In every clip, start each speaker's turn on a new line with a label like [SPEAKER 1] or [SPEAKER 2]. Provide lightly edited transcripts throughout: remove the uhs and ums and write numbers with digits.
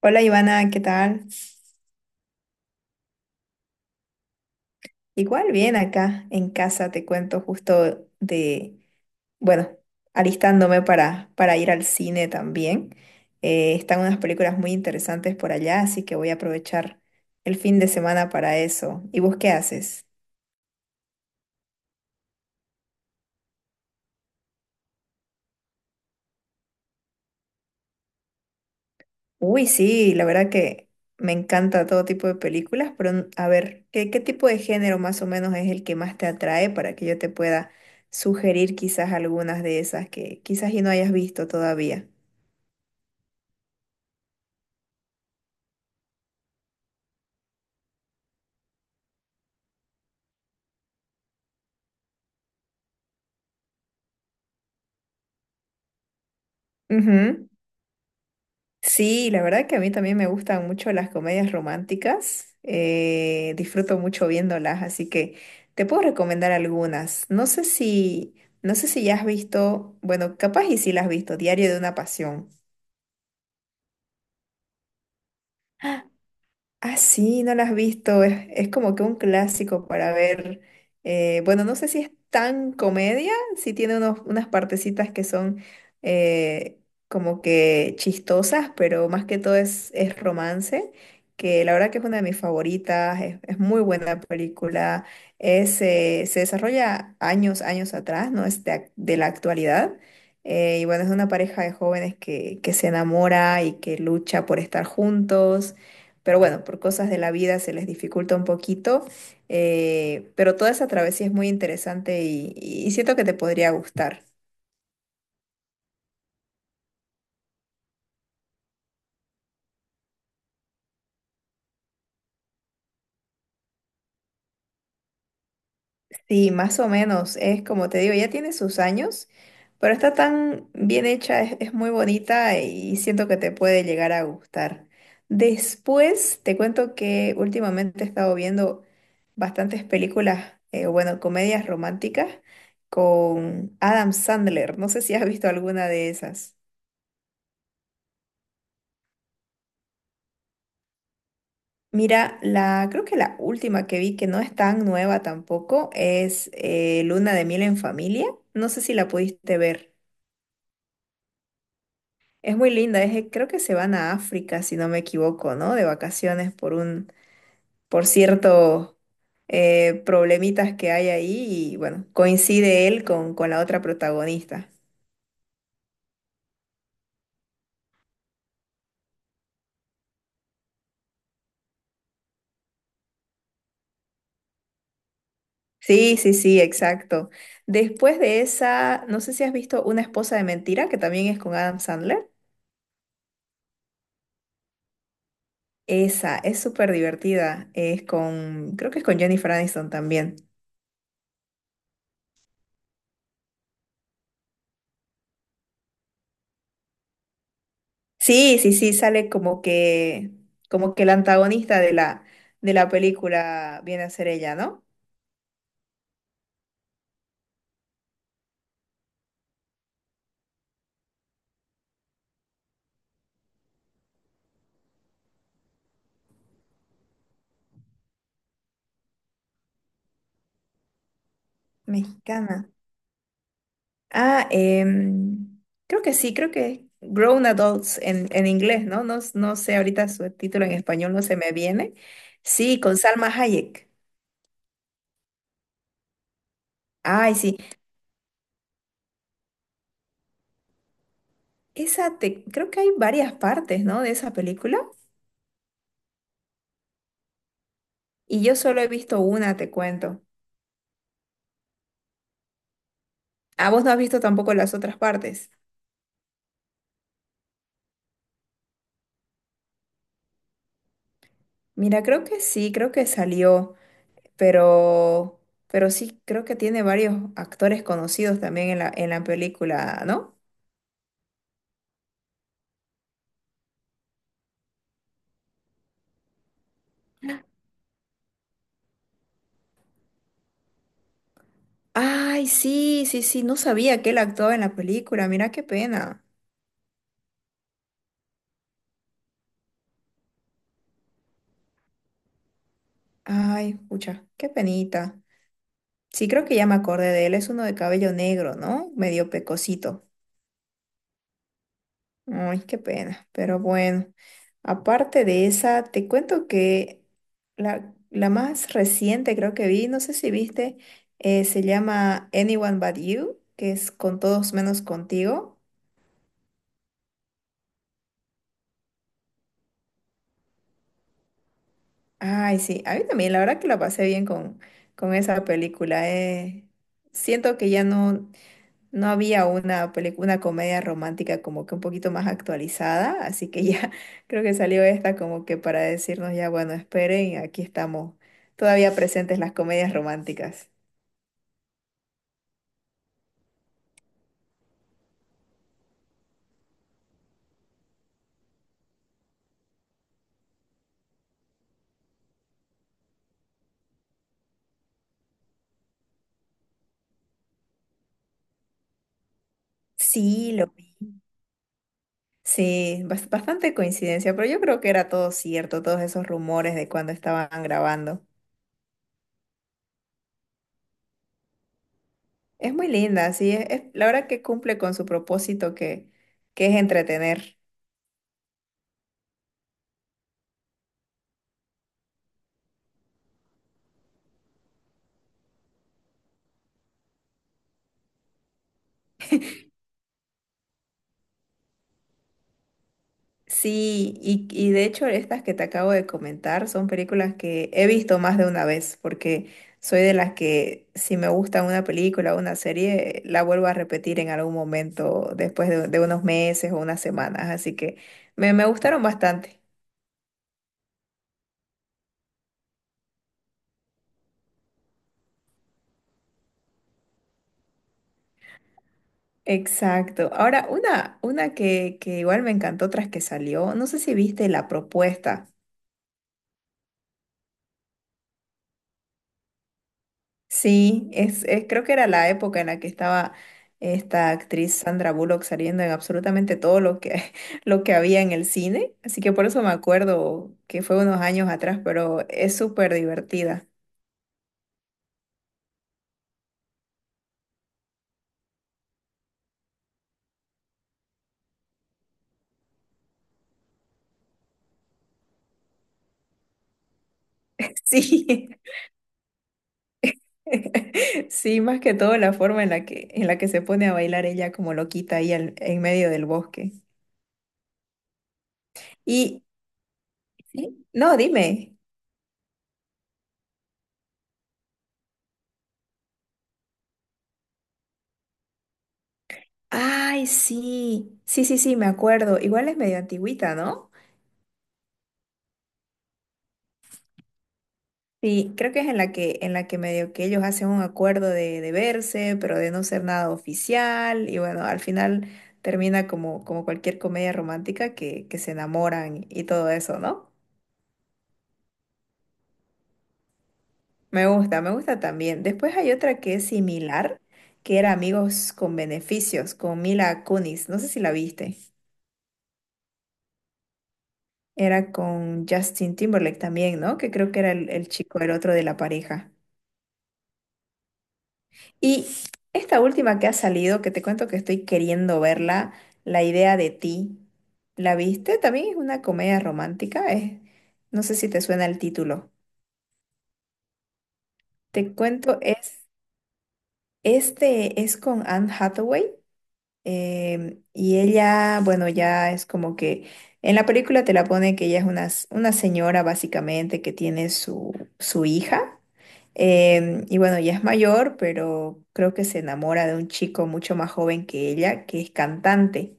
[SPEAKER 1] Hola, Ivana, ¿qué tal? Igual bien acá en casa, te cuento justo bueno, alistándome para ir al cine también. Están unas películas muy interesantes por allá, así que voy a aprovechar el fin de semana para eso. ¿Y vos qué haces? Uy, sí, la verdad que me encanta todo tipo de películas, pero a ver, ¿ qué tipo de género más o menos es el que más te atrae para que yo te pueda sugerir quizás algunas de esas que quizás y no hayas visto todavía? Ujú. Sí, la verdad que a mí también me gustan mucho las comedias románticas. Disfruto mucho viéndolas, así que te puedo recomendar algunas. No sé si ya has visto, bueno, capaz y si las has visto, Diario de una Pasión. Ah, sí, no la has visto. Es como que un clásico para ver. Bueno, no sé si es tan comedia, sí tiene unas partecitas que son eh, como que chistosas, pero más que todo es romance, que la verdad que es una de mis favoritas, es muy buena película. Se desarrolla años atrás, no es de la actualidad. Y bueno, es una pareja de jóvenes que se enamora y que lucha por estar juntos, pero bueno, por cosas de la vida se les dificulta un poquito. Eh, Pero toda esa travesía es muy interesante y siento que te podría gustar. Sí, más o menos, es como te digo, ya tiene sus años, pero está tan bien hecha, es muy bonita y siento que te puede llegar a gustar. Después te cuento que últimamente he estado viendo bastantes películas, bueno, comedias románticas con Adam Sandler. No sé si has visto alguna de esas. Mira, creo que la última que vi, que no es tan nueva tampoco, es Luna de Miel en Familia. No sé si la pudiste ver. Es muy linda, es, creo que se van a África, si no me equivoco, ¿no? De vacaciones por por ciertos problemitas que hay ahí y bueno, coincide él con la otra protagonista. Sí, sí, sí, exacto. Después de esa, no sé si has visto Una esposa de mentira, que también es con Adam Sandler. Esa es súper divertida. Es con, creo que es con Jennifer Aniston también. Sí, sí, sí, sale como que el antagonista de de la película viene a ser ella, ¿no? Mexicana. Ah, creo que sí, creo que Grown Adults en inglés, ¿no? No, no sé, ahorita su título en español no se me viene. Sí, con Salma Hayek. Ay, sí. Esa te, creo que hay varias partes, ¿no? De esa película. Y yo solo he visto una, te cuento. Ah, vos no has visto tampoco las otras partes. Mira, creo que sí, creo que salió, pero, pero sí, creo que tiene varios actores conocidos también en en la película, ¿no? Ay, sí, sí, sí, no sabía que él actuaba en la película, mira qué pena. Ay, pucha, qué penita. Sí, creo que ya me acordé de él, es uno de cabello negro, ¿no? Medio pecosito. Ay, qué pena, pero bueno. Aparte de esa, te cuento que la más reciente creo que vi, no sé si viste, se llama Anyone But You, que es con todos menos contigo. Ay, sí, a mí también, la verdad que la pasé bien con esa película. Siento que no había una película, una comedia romántica como que un poquito más actualizada, así que ya creo que salió esta como que para decirnos ya, bueno, esperen, aquí estamos todavía presentes las comedias románticas. Sí, lo vi. Sí, bastante coincidencia, pero yo creo que era todo cierto, todos esos rumores de cuando estaban grabando. Es muy linda, sí, la verdad que cumple con su propósito que es entretener. Sí, y de hecho estas que te acabo de comentar son películas que he visto más de una vez, porque soy de las que si me gusta una película o una serie, la vuelvo a repetir en algún momento después de unos meses o unas semanas, así que me gustaron bastante. Exacto. Ahora, una que igual me encantó tras que salió, no sé si viste La Propuesta. Sí, creo que era la época en la que estaba esta actriz Sandra Bullock saliendo en absolutamente todo lo que lo que había en el cine, así que por eso me acuerdo que fue unos años atrás, pero es súper divertida. Sí, sí, más que todo la forma en la que se pone a bailar ella como loquita ahí en medio del bosque. Y ¿sí? No, dime. Ay, sí, sí, sí, sí, me acuerdo. Igual es medio antigüita, ¿no? Sí, creo que es en la que medio que ellos hacen un acuerdo de verse, pero de no ser nada oficial, y bueno, al final termina como, como cualquier comedia romántica que se enamoran y todo eso, ¿no? Me gusta también. Después hay otra que es similar, que era Amigos con Beneficios, con Mila Kunis, no sé si la viste. Era con Justin Timberlake también, ¿no? Que creo que era el chico, el otro de la pareja. Y esta última que ha salido, que te cuento que estoy queriendo verla, La idea de ti, ¿la viste? También es una comedia romántica, es, no sé si te suena el título. Te cuento, es, este es con Anne Hathaway. Y ella, bueno, ya es como que en la película te la pone que ella es una señora básicamente que tiene su hija. Y bueno, ya es mayor, pero creo que se enamora de un chico mucho más joven que ella, que es cantante.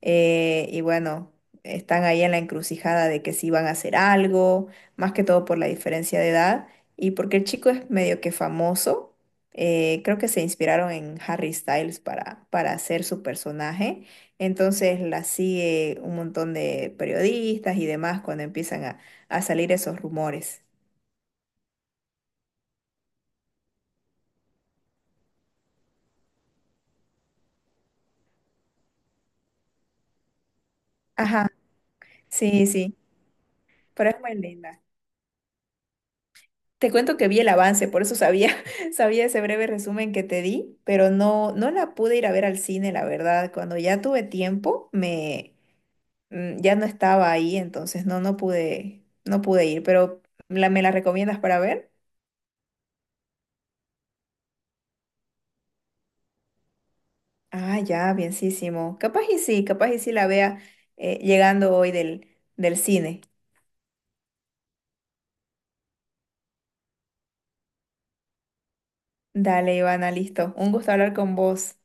[SPEAKER 1] Y bueno, están ahí en la encrucijada de que si van a hacer algo, más que todo por la diferencia de edad y porque el chico es medio que famoso. Creo que se inspiraron en Harry Styles para hacer su personaje. Entonces la sigue un montón de periodistas y demás cuando empiezan a salir esos rumores. Ajá, sí, sí, pero es muy linda. Te cuento que vi el avance, por eso sabía, sabía ese breve resumen que te di, pero no, no la pude ir a ver al cine, la verdad. Cuando ya tuve tiempo, ya no estaba ahí, entonces no, no pude, no pude ir. Pero ¿la, me la recomiendas para ver? Ah, ya, bienísimo. Capaz y sí la vea, llegando hoy del cine. Dale, Ivana, listo. Un gusto hablar con vos.